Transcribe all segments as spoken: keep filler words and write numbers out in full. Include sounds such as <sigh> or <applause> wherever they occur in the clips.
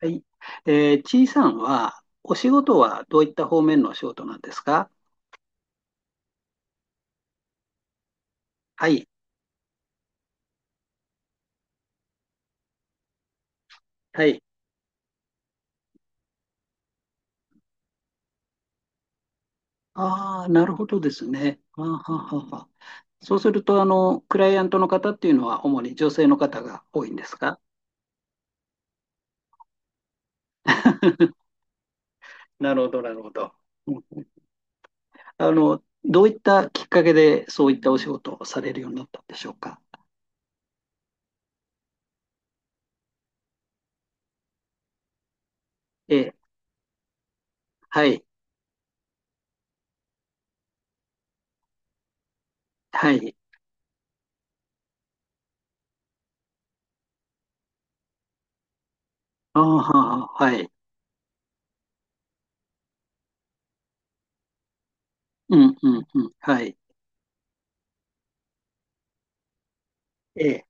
はい。えー、ちいさんは、お仕事はどういった方面のお仕事なんですか？はい。はい。ああ、なるほどですね。あーははは。そうすると、あの、クライアントの方っていうのは、主に女性の方が多いんですか？ <laughs> なるほど、なるほど。うん。あの、どういったきっかけで、そういったお仕事をされるようになったんでしょうか？ええ、はい、はい。あーはは、はい。うん、うん、うん、はい。ええ、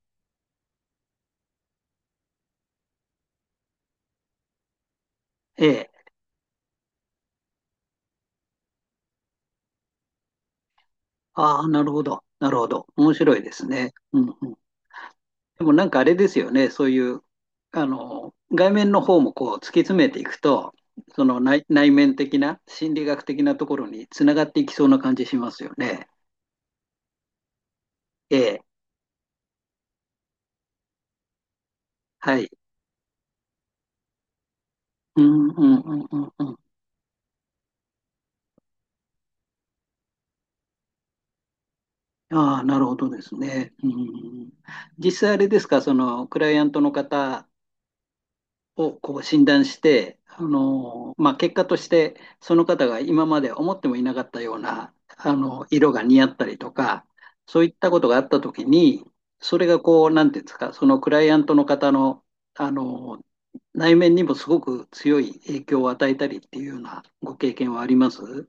ええ。ああ、なるほど。なるほど。面白いですね。うんうん。でもなんかあれですよね。そういう、あの、外面の方もこう突き詰めていくと、その内、内面的な心理学的なところにつながっていきそうな感じしますよね。ええ。はい。うんうんうんうんうん。ああ、なるほどですね。うん、実際あれですか、そのクライアントの方をこう診断して、あのーまあ、結果としてその方が今まで思ってもいなかったような、あの色が似合ったりとか、そういったことがあったときに、それがこう、なんていうんですか、そのクライアントの方の、あのー内面にもすごく強い影響を与えたりっていうようなご経験はあります？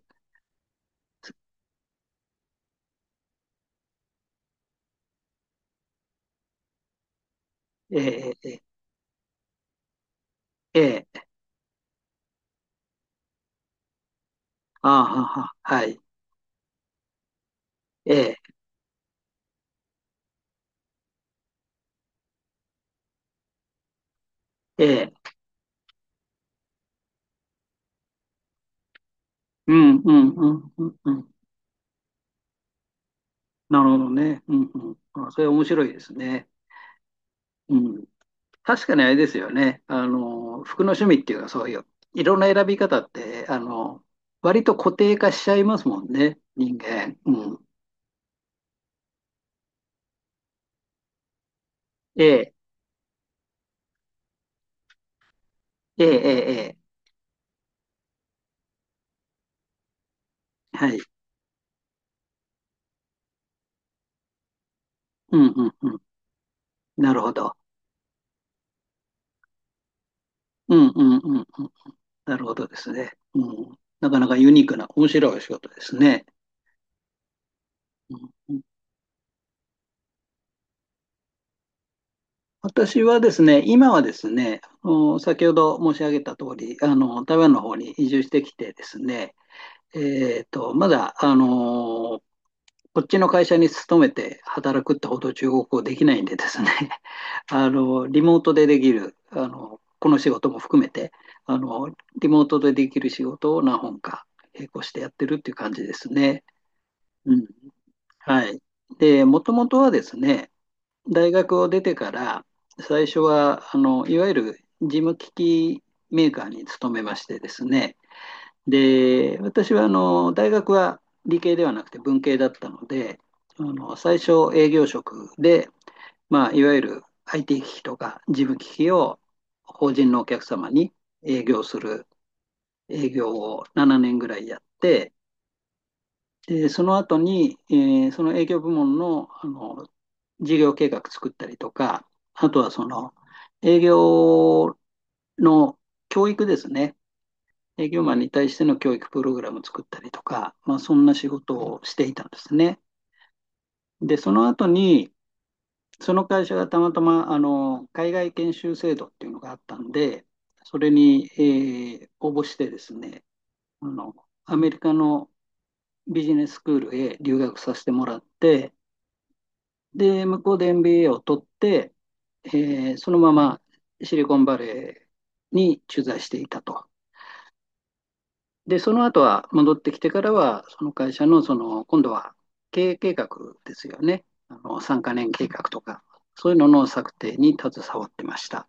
ええ、ええ、ああ、はは、はい、ええ、ええ、うん、うん、うん、うん、うん。なるほどね。うん、うん。あそれ面白いですね。うん。確かにあれですよね。あの、服の趣味っていうか、そういう色の選び方って、あの、割と固定化しちゃいますもんね、人間。うん。ええ、ええ、ええ、ええ。はい。うん、うん、うん。なるほど。うん、うん、うん、うん。なるほどですね。うん。なかなかユニークな、面白いお仕事ですね。うんうん。私はですね、今はですね、あの先ほど申し上げた通り、あの台湾の方に移住してきてですね、えーと、まだあのこっちの会社に勤めて働くってほど中国語できないんでですね、<laughs> あの、リモートでできる、あの、この仕事も含めて、あの、リモートでできる仕事を何本か並行してやってるっていう感じですね。うん。はい。で、もともとはですね、大学を出てから、最初は、あの、いわゆる事務機器メーカーに勤めましてですね、で、私はあの大学は理系ではなくて文系だったので、あの最初営業職で、まあ、いわゆる アイティー 機器とか事務機器を法人のお客様に営業する営業をななねんぐらいやって、でその後に、えーその営業部門の、あの事業計画作ったりとか、あとはその営業の教育ですね。営業マンに対しての教育プログラムを作ったりとか、まあ、そんな仕事をしていたんですね。で、その後に、その会社がたまたまあの海外研修制度っていうのがあったんで、それに、えー応募してですね、あの、アメリカのビジネススクールへ留学させてもらって、で、向こうで エムビーエー を取って、えーそのままシリコンバレーに駐在していたと。で、その後は戻ってきてからは、その会社の、その、今度は経営計画ですよね。あの、さんカ年計画とか、そういうのの策定に携わってました。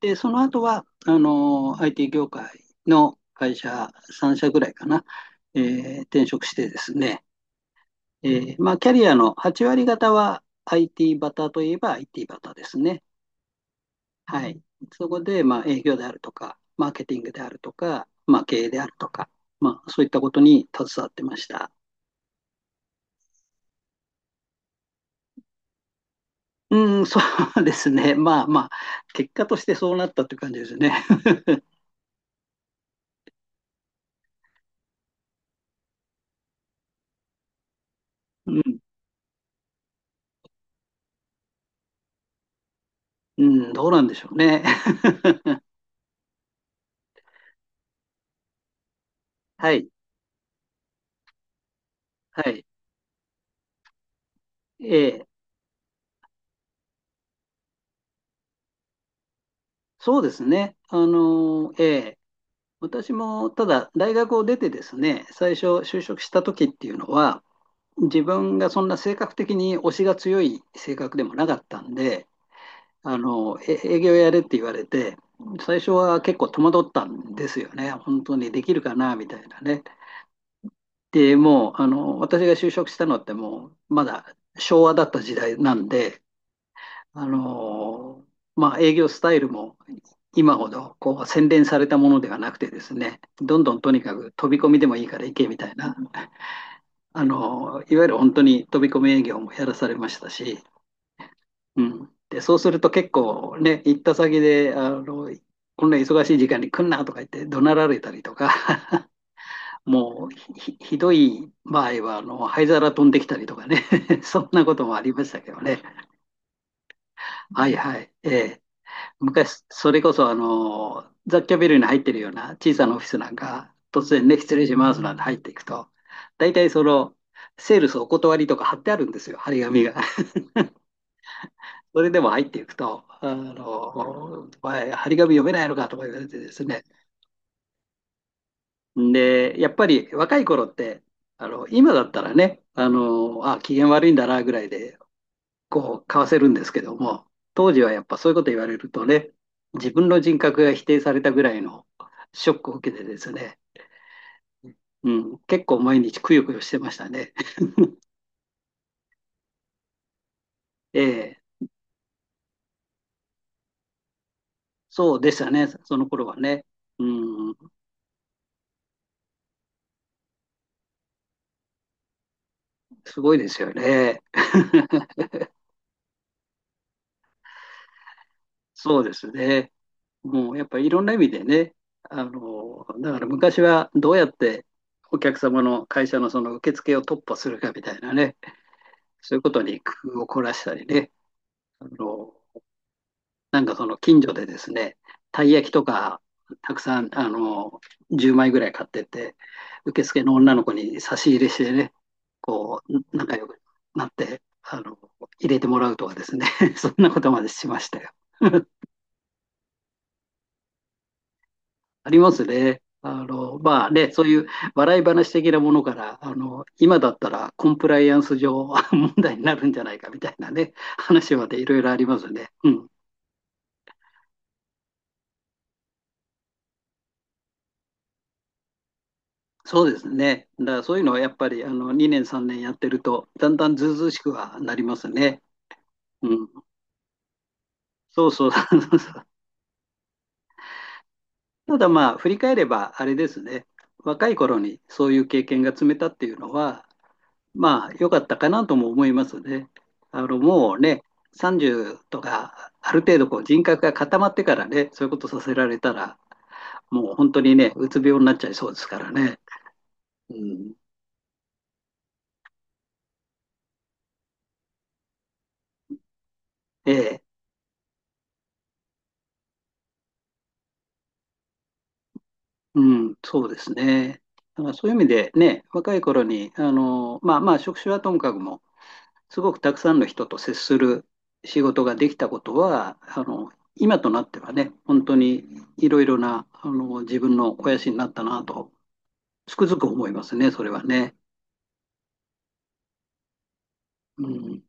で、その後は、あの、アイティー 業界の会社さんしゃ社ぐらいかな、えー転職してですね、えーまあ、キャリアのはち割方は アイティー バターといえば アイティー バターですね。はい。そこで、まあ、営業であるとか、マーケティングであるとか、まあ、経営であるとか、まあ、そういったことに携わってました。うん、そうですね。<laughs> まあまあ、結果としてそうなったという感じですね。<laughs> うん、うん、どうなんでしょうね。<laughs> はい、はい。ええ、そうですね。あの、ええ、私もただ大学を出てですね、最初就職した時っていうのは、自分がそんな性格的に推しが強い性格でもなかったんで、あの、え営業やれって言われて、最初は結構戸惑ったんですよね。本当にできるかなみたいなね。で、もう、あの、私が就職したのってもう、まだ昭和だった時代なんで、あの、まあ、営業スタイルも今ほどこう洗練されたものではなくてですね、どんどんとにかく飛び込みでもいいから行けみたいな、あの、いわゆる本当に飛び込み営業もやらされましたし、うん。で、そうすると結構ね、行った先で、あの、こんな忙しい時間に来んなとか言って怒鳴られたりとか、<laughs> もうひ、ひどい場合は、あの、灰皿飛んできたりとかね、<laughs> そんなこともありましたけどね。はいはい。ええ。昔、それこそ、あの、雑居ビルに入ってるような小さなオフィスなんか、突然ね、失礼しますなんて入っていくと、大体その、セールスお断りとか貼ってあるんですよ、貼り紙が。それでも入っていくと、あの、お前、張り紙読めないのかとか言われてですね。で、やっぱり若い頃って、あの、今だったらね、あの、あ、機嫌悪いんだなぐらいで、こう、かわせるんですけども、当時はやっぱそういうこと言われるとね、自分の人格が否定されたぐらいのショックを受けてですね、うん、結構毎日くよくよしてましたね。<laughs> ええ、そうでしたね、その頃はね。うん、すごいですよね。<laughs> そうですね。もうやっぱりいろんな意味でね、あの、だから昔はどうやってお客様の会社のその受付を突破するかみたいなね、そういうことに工夫を凝らしたりね、あの、なんかその近所でですね、たい焼きとかたくさん、あの、じゅうまいぐらい買ってって、受付の女の子に差し入れしてね、こう、仲良くなって、あの、入れてもらうとかですね、<laughs> そんなことまでしましたよ。ありますね。あの、まあね、そういう笑い話的なものから、あの、今だったらコンプライアンス上 <laughs> 問題になるんじゃないかみたいなね、話までいろいろありますね。うん。そうですね。だからそういうのはやっぱり、あの、にねんさんねんやってると、だんだんずうずうしくはなりますね。うん。そうそう。<laughs> ただまあ、振り返れば、あれですね。若い頃にそういう経験が積めたっていうのは、まあ、良かったかなとも思いますね。あの、もうね、さんじゅうとか、ある程度こう人格が固まってからね、そういうことさせられたら、もう本当にね、うつ病になっちゃいそうですからね。うん、ええ、うん、そうですね。だからそういう意味でね、若い頃に、あの、まあまあ、職種はともかくも、すごくたくさんの人と接する仕事ができたことは、あの、今となってはね、本当にいろいろな、あの、自分の肥やしになったなとつくづく思いますね、それはね。うん。